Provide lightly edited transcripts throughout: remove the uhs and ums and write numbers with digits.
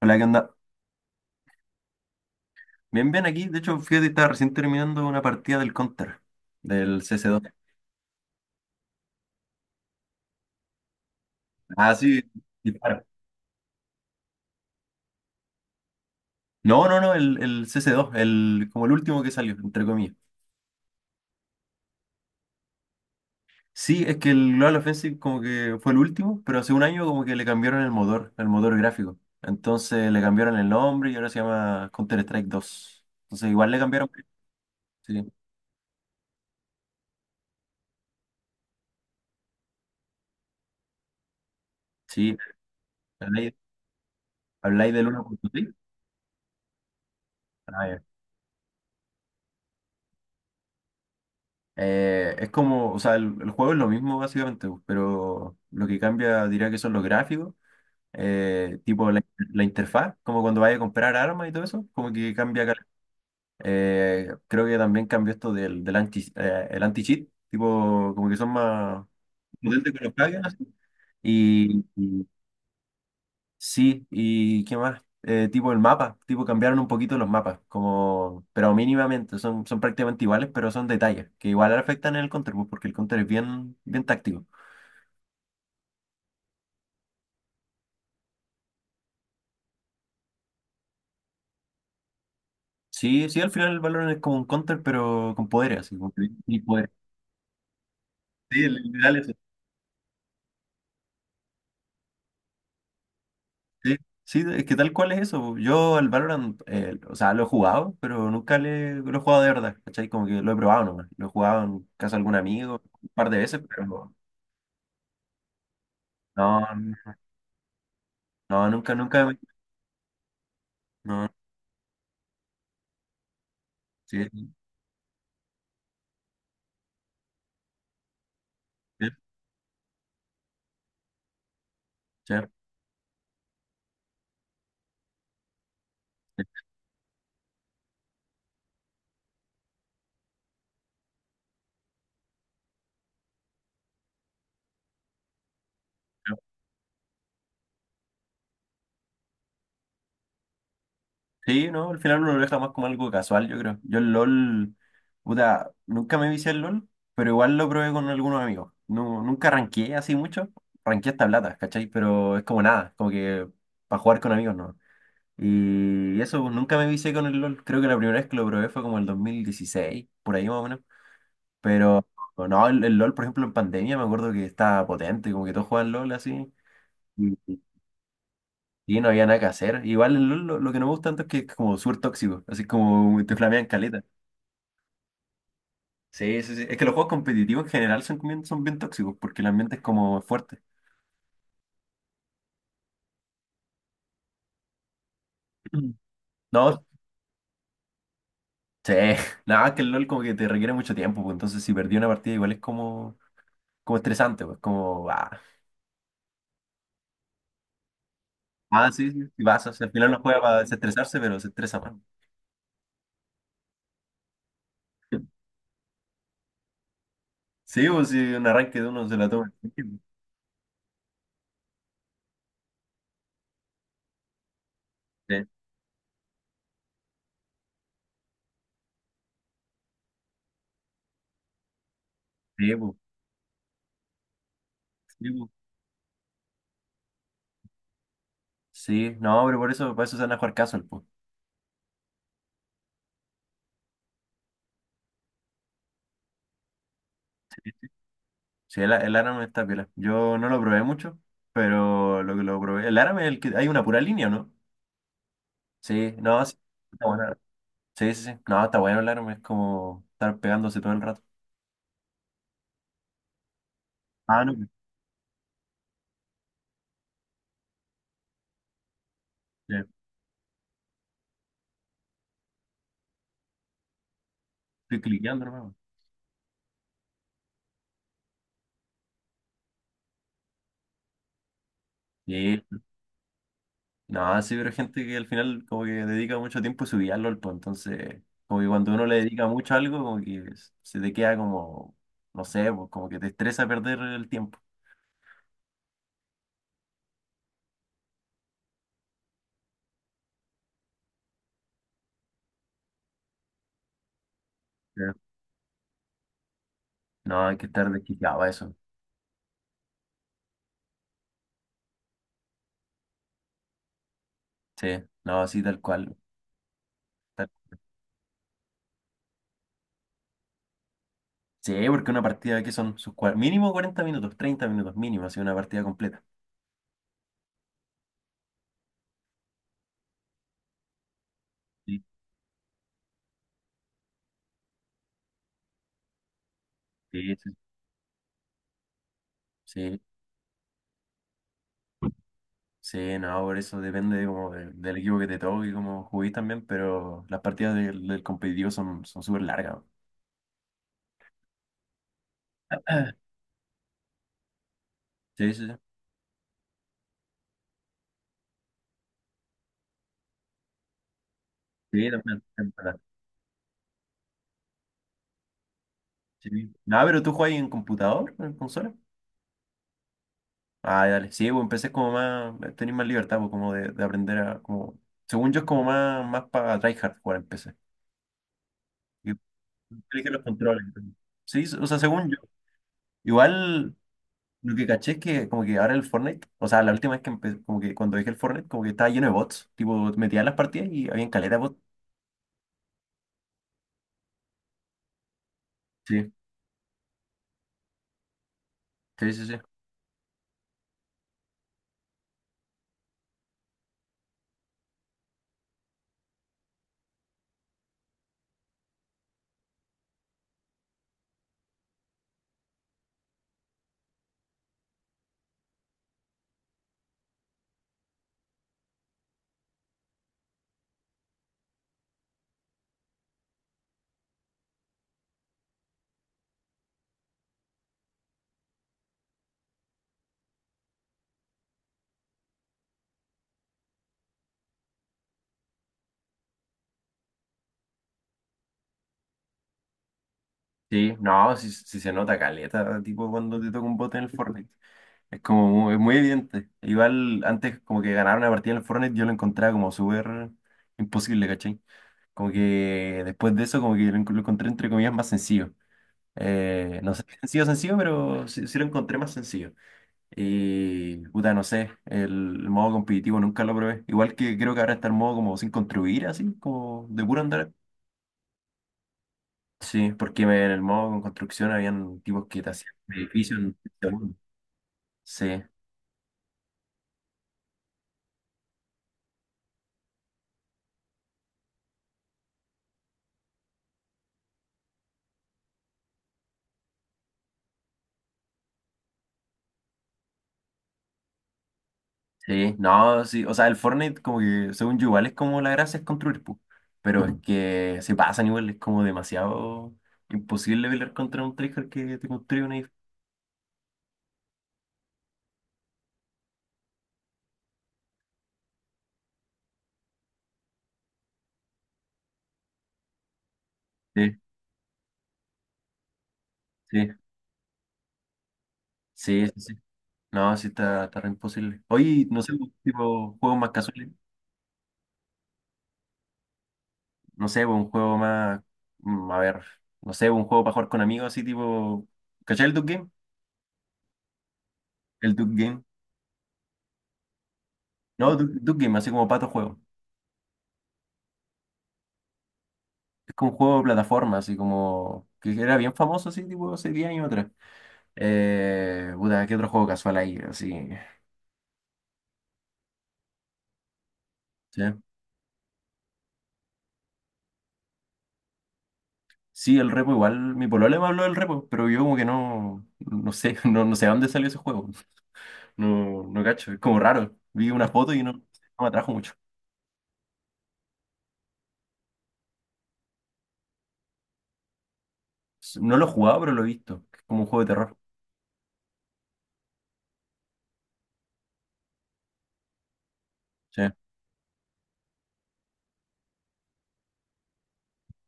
Hola, ¿qué onda? Bien, bien aquí. De hecho, fíjate, estaba recién terminando una partida del Counter, del CC2. Ah, sí, dispara. No, no, no, el CC2, el, como el último que salió, entre comillas. Sí, es que el Global Offensive como que fue el último, pero hace un año como que le cambiaron el motor gráfico. Entonces le cambiaron el nombre y ahora se llama Counter-Strike dos. Entonces igual le cambiaron. Sí, sí. ¿Habláis, habláis del 1.6? Es como, o sea, el juego es lo mismo básicamente, pues, pero lo que cambia diría que son los gráficos, tipo la, la interfaz, como cuando vaya a comprar armas y todo eso, como que cambia. Creo que también cambió esto del, del anti, el anti-cheat, tipo, como que son más potentes con los plugins, así. Y, sí, ¿y qué más? Tipo el mapa, tipo cambiaron un poquito los mapas, como, pero mínimamente, son, son prácticamente iguales, pero son detalles, que igual afectan en el counter, pues, porque el counter es bien, bien táctico. Sí, sí, al final el Valorant es como un counter, pero con poderes, así como que y poder. Sí, literal eso. Sí, sí, es que tal cual es eso. Yo el Valorant, o sea, lo he jugado, pero nunca lo he jugado de verdad, ¿cachai? Como que lo he probado nomás. Lo he jugado en casa de algún amigo un par de veces, pero no, no, nunca, no, sí. Sí, sí, sí, creo. Sí, no, al final uno lo deja más como algo casual, yo creo. Yo el LOL, puta, nunca me vicié el LOL, pero igual lo probé con algunos amigos. No, nunca ranqueé así mucho, ranqueé hasta plata, ¿cachai? Pero es como nada, como que para jugar con amigos, ¿no? Y eso, pues, nunca me vicié con el LOL. Creo que la primera vez que lo probé fue como el 2016 por ahí más o menos. Pero no, el LOL, por ejemplo, en pandemia me acuerdo que estaba potente, como que todos jugaban LOL así. Y no había nada que hacer. Igual el LoL lo que no me gusta tanto es que es como súper tóxico, así como te flamean caleta. Sí, sí, sí. Es que los juegos competitivos en general son bien tóxicos porque el ambiente es como fuerte. Mm. No, sí. Nada, es que el LoL como que te requiere mucho tiempo, pues entonces si perdí una partida igual es como, como estresante, pues como, ah, ah, sí, sí, sí, pasa. O sea, al final no juega para desestresarse, pero se estresa más. Sí, pues si un arranque de uno se la toma en serio, pues. Sí, sí, pues, sí, pues. Sí, no, pero por eso se van a jugar casual, pues. Sí, el Aram está piola. Yo no lo probé mucho, pero lo que lo probé. El Aram es el que. Hay una pura línea, ¿o no? Sí, no, sí. Está bueno. Sí, sí, sí. No, está bueno el Aram, es como estar pegándose todo el rato. Ah, no. Sí, estoy cliqueando nomás. Sí. No, sí, pero hay gente que al final como que dedica mucho tiempo a subir al LOL, pues, entonces, como que cuando uno le dedica mucho a algo, como que se te queda como, no sé, pues, como que te estresa perder el tiempo. Sí. No, hay que estar desquiciado a eso. Sí, no, sí, tal cual. Sí, porque una partida que son sus mínimo 40 minutos, 30 minutos mínimo, así una partida completa. Sí, sí, sí. Sí, sí, no, por eso depende de como del equipo que te toque y cómo juguís también, pero las partidas del, del competitivo son son súper largas. Sí, sí, sí, sí, también es verdad. Sí. Ah, pero tú juegas en computador, en consola. Ah, dale. Sí, pues empecé como más, tenés más libertad, pues como de aprender a, como, según yo es como más, más para tryhard jugar en PC. Y elige los controles. Sí, o sea, según. Igual lo que caché es que como que ahora el Fortnite, o sea, la última vez que empecé, como que cuando dije el Fortnite, como que estaba lleno de bots. Tipo, metía las partidas y había caleta de bots. Sí, sí, sí, sí. Sí, no, sí, sí se nota caleta, tipo cuando te toca un bot en el Fortnite. Es como muy, es muy evidente. Igual antes como que ganar una partida en el Fortnite yo lo encontraba como súper imposible, ¿cachai? Como que después de eso como que lo, lo encontré entre comillas más sencillo. No sé, sencillo, sencillo, pero sí, sí lo encontré más sencillo. Y, puta, no sé, el, modo competitivo nunca lo probé. Igual que creo que ahora está el modo como sin construir, así, como de puro andar. Sí, porque en el modo con construcción habían tipos que te hacían edificios en segundo. Sí, sí, no, sí. O sea, el Fortnite, como que, según yo, igual es como la gracia es construir, pu. Pero es que se pasan igual, es como demasiado imposible pelear contra un tryhard que te construye un edificio. Sí, sí, sí, sí. Sí. No, sí está, está re imposible. Oye, no sé, tipo, juegos más casuales. No sé, pues, un juego más, mm, a ver, no sé, pues, un juego para jugar con amigos así tipo, ¿cachai el duck Game? El duck Game. No, duck Duke Game, así como Pato Juego. Es como un juego de plataforma, así como, que era bien famoso así tipo hace 10 años atrás. Puta, ¿qué otro juego casual hay? Así, ¿sí? Sí, el repo igual, mi polola me habló del repo, pero yo como que no, no sé, no, no sé dónde salió ese juego. No, no cacho, es como raro. Vi una foto y no, no me atrajo mucho. No lo he jugado, pero lo he visto. Es como un juego de terror. Sí.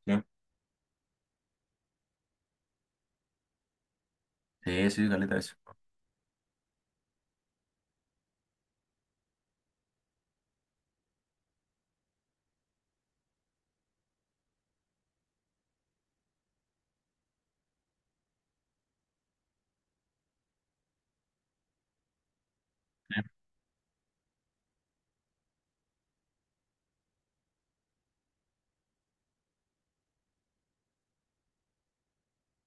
Sí. Sí, sí, caleta eso.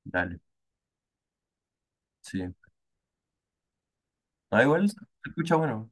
Dale, sí. Ah, igual se escucha bueno.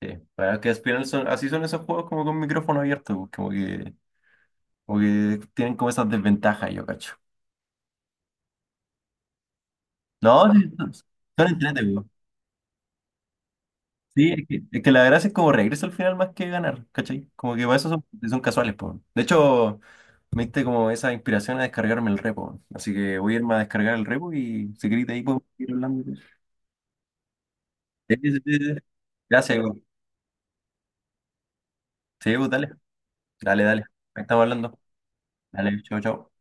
Sí. Para que al final son, así son esos juegos como con micrófono abierto, pues, como que tienen como esas desventajas, yo cacho. No, sí, son son entretenidos. Sí, es que la gracia es como regreso al final más que ganar, ¿cachai? Como que para eso son, son casuales, pues. De hecho, me diste como esa inspiración a descargarme el repo. Así que voy a irme a descargar el repo y si querés de ahí podemos ir hablando. Sí, sí, sí, sí. Gracias, güey. Sí, pues, dale, dale, dale. Ahí estamos hablando. Dale, chau, chau.